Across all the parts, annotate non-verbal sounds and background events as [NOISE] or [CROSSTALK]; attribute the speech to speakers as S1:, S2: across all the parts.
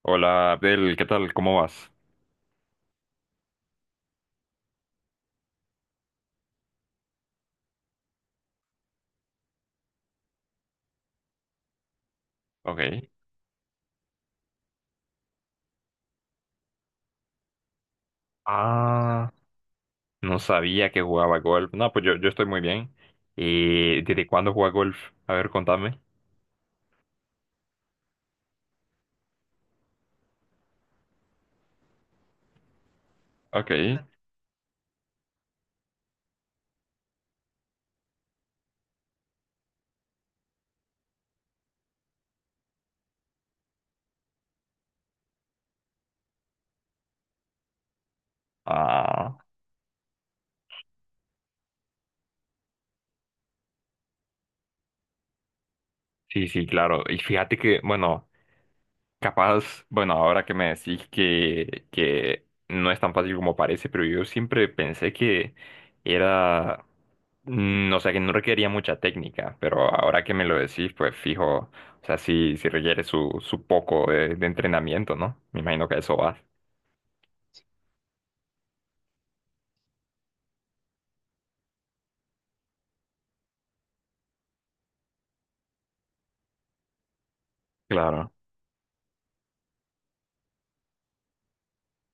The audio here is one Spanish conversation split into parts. S1: Hola Abdel, ¿qué tal? ¿Cómo vas? Ok. Ah, no sabía que jugaba golf. No, pues yo estoy muy bien. ¿Y desde cuándo juega golf? A ver, contame. Ok. Ah, sí, sí, claro. Y fíjate que, bueno. Capaz, bueno, ahora que me decís que no es tan fácil como parece, pero yo siempre pensé que era, o sea, que no requería mucha técnica, pero ahora que me lo decís, pues fijo, o sea, sí, sí requiere su poco de entrenamiento, ¿no? Me imagino que a eso vas. Claro,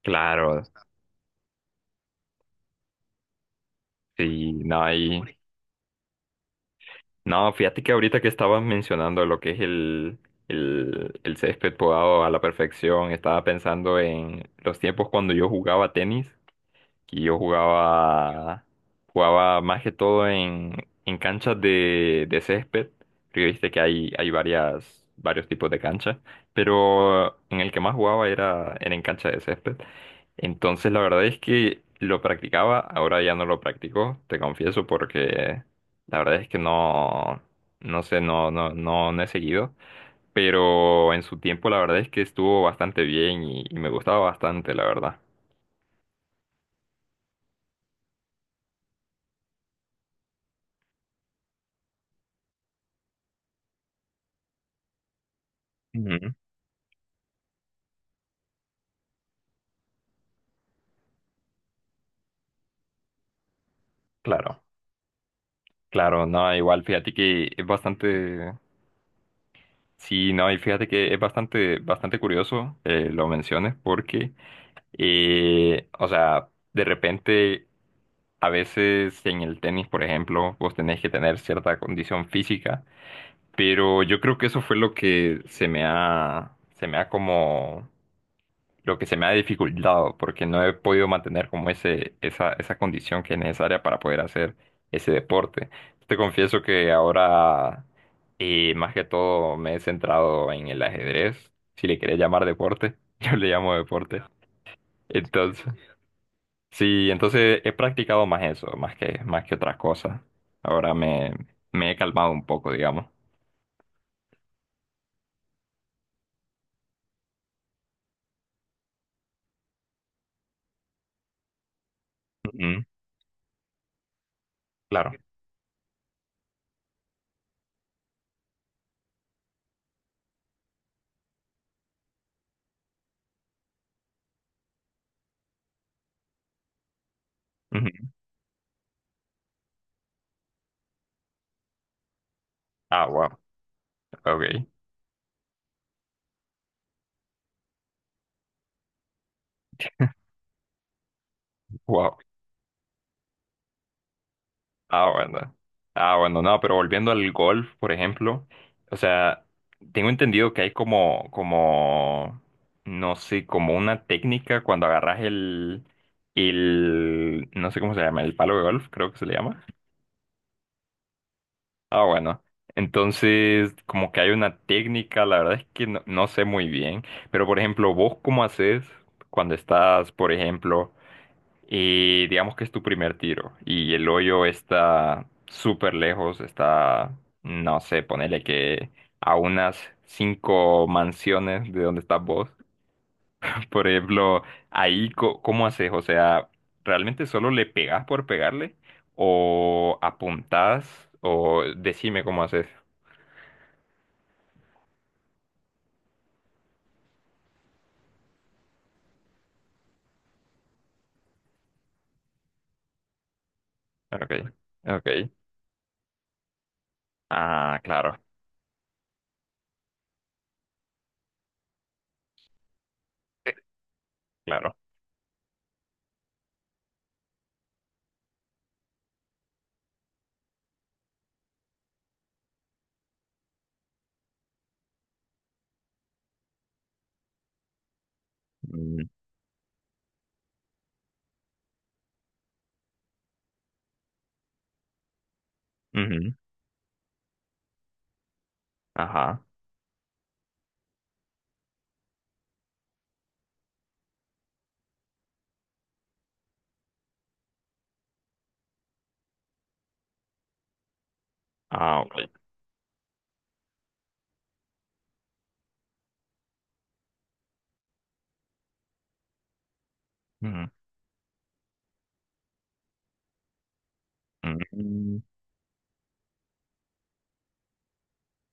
S1: claro, sí, no, no, fíjate que ahorita que estabas mencionando lo que es el césped podado a la perfección, estaba pensando en los tiempos cuando yo jugaba tenis. Y yo jugaba más que todo en canchas de césped, porque viste que hay varios tipos de canchas, pero en el que más jugaba era en cancha de césped. Entonces la verdad es que lo practicaba, ahora ya no lo practico, te confieso, porque la verdad es que no, no sé, no, no, no, no he seguido. Pero en su tiempo la verdad es que estuvo bastante bien y me gustaba bastante, la verdad. Ujú. Claro. Claro, no, igual fíjate que es bastante, sí, no, y fíjate que es bastante, bastante curioso lo menciones porque, o sea, de repente, a veces en el tenis, por ejemplo, vos tenés que tener cierta condición física, pero yo creo que eso fue lo que se me ha como lo que se me ha dificultado porque no he podido mantener como esa condición que es necesaria para poder hacer ese deporte. Te confieso que ahora más que todo me he centrado en el ajedrez, si le querés llamar deporte, [LAUGHS] yo le llamo deporte. Entonces, sí, entonces he practicado más eso, más que otras cosas. Ahora me he calmado un poco, digamos. Ujú. Claro. Ujú. Ah, wow. Ok. Wow. Ah, bueno. Ah, bueno, no, pero volviendo al golf, por ejemplo, o sea, tengo entendido que hay no sé, como una técnica cuando agarras el, no sé cómo se llama, el palo de golf, creo que se le llama. Ah, bueno. Entonces, como que hay una técnica, la verdad es que no, no sé muy bien, pero por ejemplo, vos cómo haces cuando estás, por ejemplo, y digamos que es tu primer tiro y el hoyo está súper lejos, no sé, ponele que a unas cinco mansiones de donde estás vos. [LAUGHS] Por ejemplo, ahí, ¿cómo haces? O sea, ¿realmente solo le pegas por pegarle? ¿O apuntás? ¿O decime cómo haces? Ok, ok. Ah, claro, eh, claro. Mm, ujú, ajá. Ah, ok. Ujú, ujú.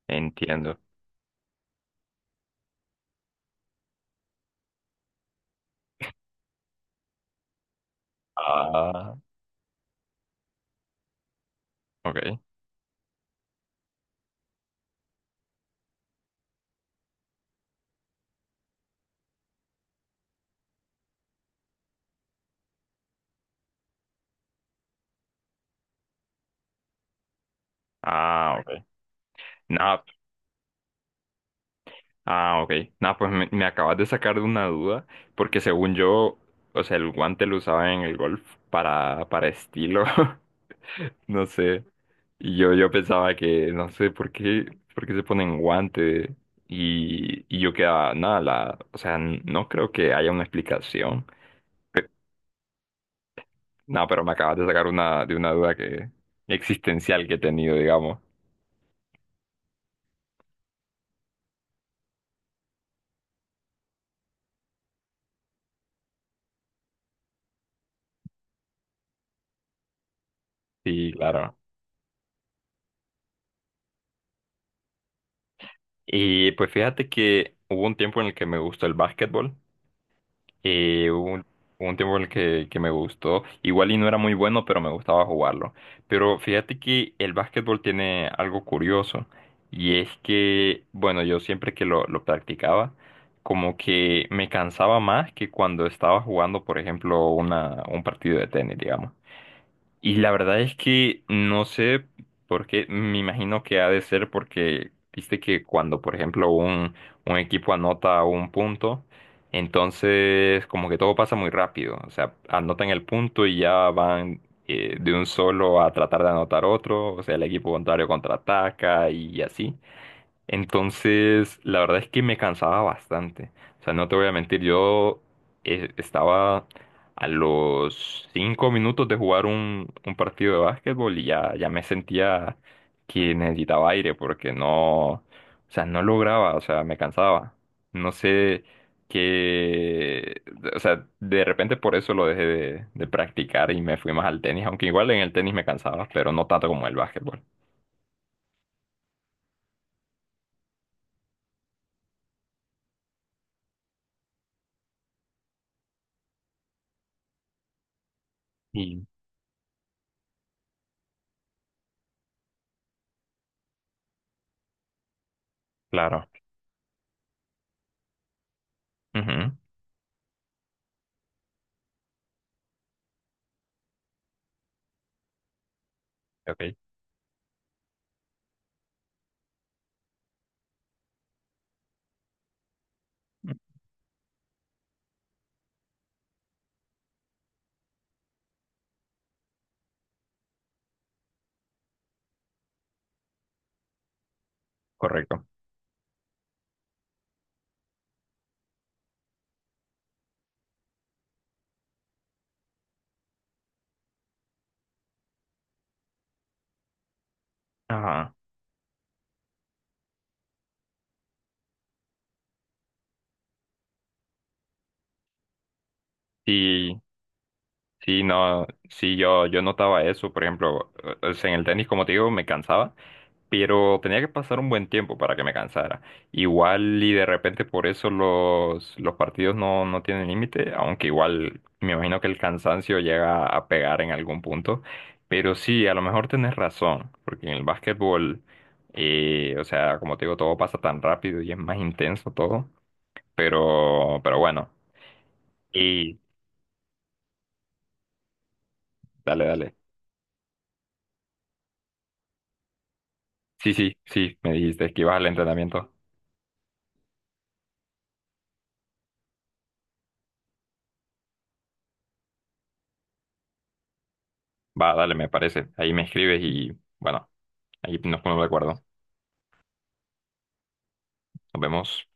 S1: Entiendo. Ah, ok. Ah, ok. Nada, ah, ok. Nah, pues me acabas de sacar de una duda, porque según yo, o sea, el guante lo usaba en el golf para estilo, [LAUGHS] no sé. Y yo pensaba que, no sé, ¿por qué se ponen guante? Y yo quedaba, nada, o sea, no creo que haya una explicación. Nada, pero me acabas de sacar de una duda que, existencial que he tenido, digamos. Sí, claro. Y pues fíjate que hubo un tiempo en el que me gustó el básquetbol, eh, hubo un, hubo un tiempo en el que me gustó, igual y no era muy bueno, pero me gustaba jugarlo. Pero fíjate que el básquetbol tiene algo curioso, y es que, bueno, yo siempre que lo practicaba, como que me cansaba más que cuando estaba jugando, por ejemplo, un partido de tenis, digamos. Y la verdad es que no sé por qué, me imagino que ha de ser porque, viste que cuando, por ejemplo, un equipo anota un punto, entonces como que todo pasa muy rápido, o sea, anotan el punto y ya van de un solo a tratar de anotar otro, o sea, el equipo contrario contraataca y así. Entonces, la verdad es que me cansaba bastante. O sea, no te voy a mentir, yo estaba a los 5 minutos de jugar un partido de básquetbol y ya, ya me sentía que necesitaba aire porque no, o sea, no lograba, o sea, me cansaba. No sé qué, o sea, de repente por eso lo dejé de practicar y me fui más al tenis, aunque igual en el tenis me cansaba, pero no tanto como el básquetbol. Y Claro. Ujú. Ok. Correcto. Ajá. Sí, sí, no, sí, yo notaba eso, por ejemplo, o sea, en el tenis, como te digo, me cansaba, pero tenía que pasar un buen tiempo para que me cansara. Igual y de repente por eso los partidos no, no tienen límite, aunque igual me imagino que el cansancio llega a pegar en algún punto, pero sí, a lo mejor tenés razón, porque en el básquetbol, o sea, como te digo, todo pasa tan rápido y es más intenso todo, pero bueno, y dale, dale. Sí, sí, sí, me dijiste que ibas al entrenamiento. Va, dale, me parece. Ahí me escribes y bueno, ahí nos ponemos de acuerdo. Nos vemos.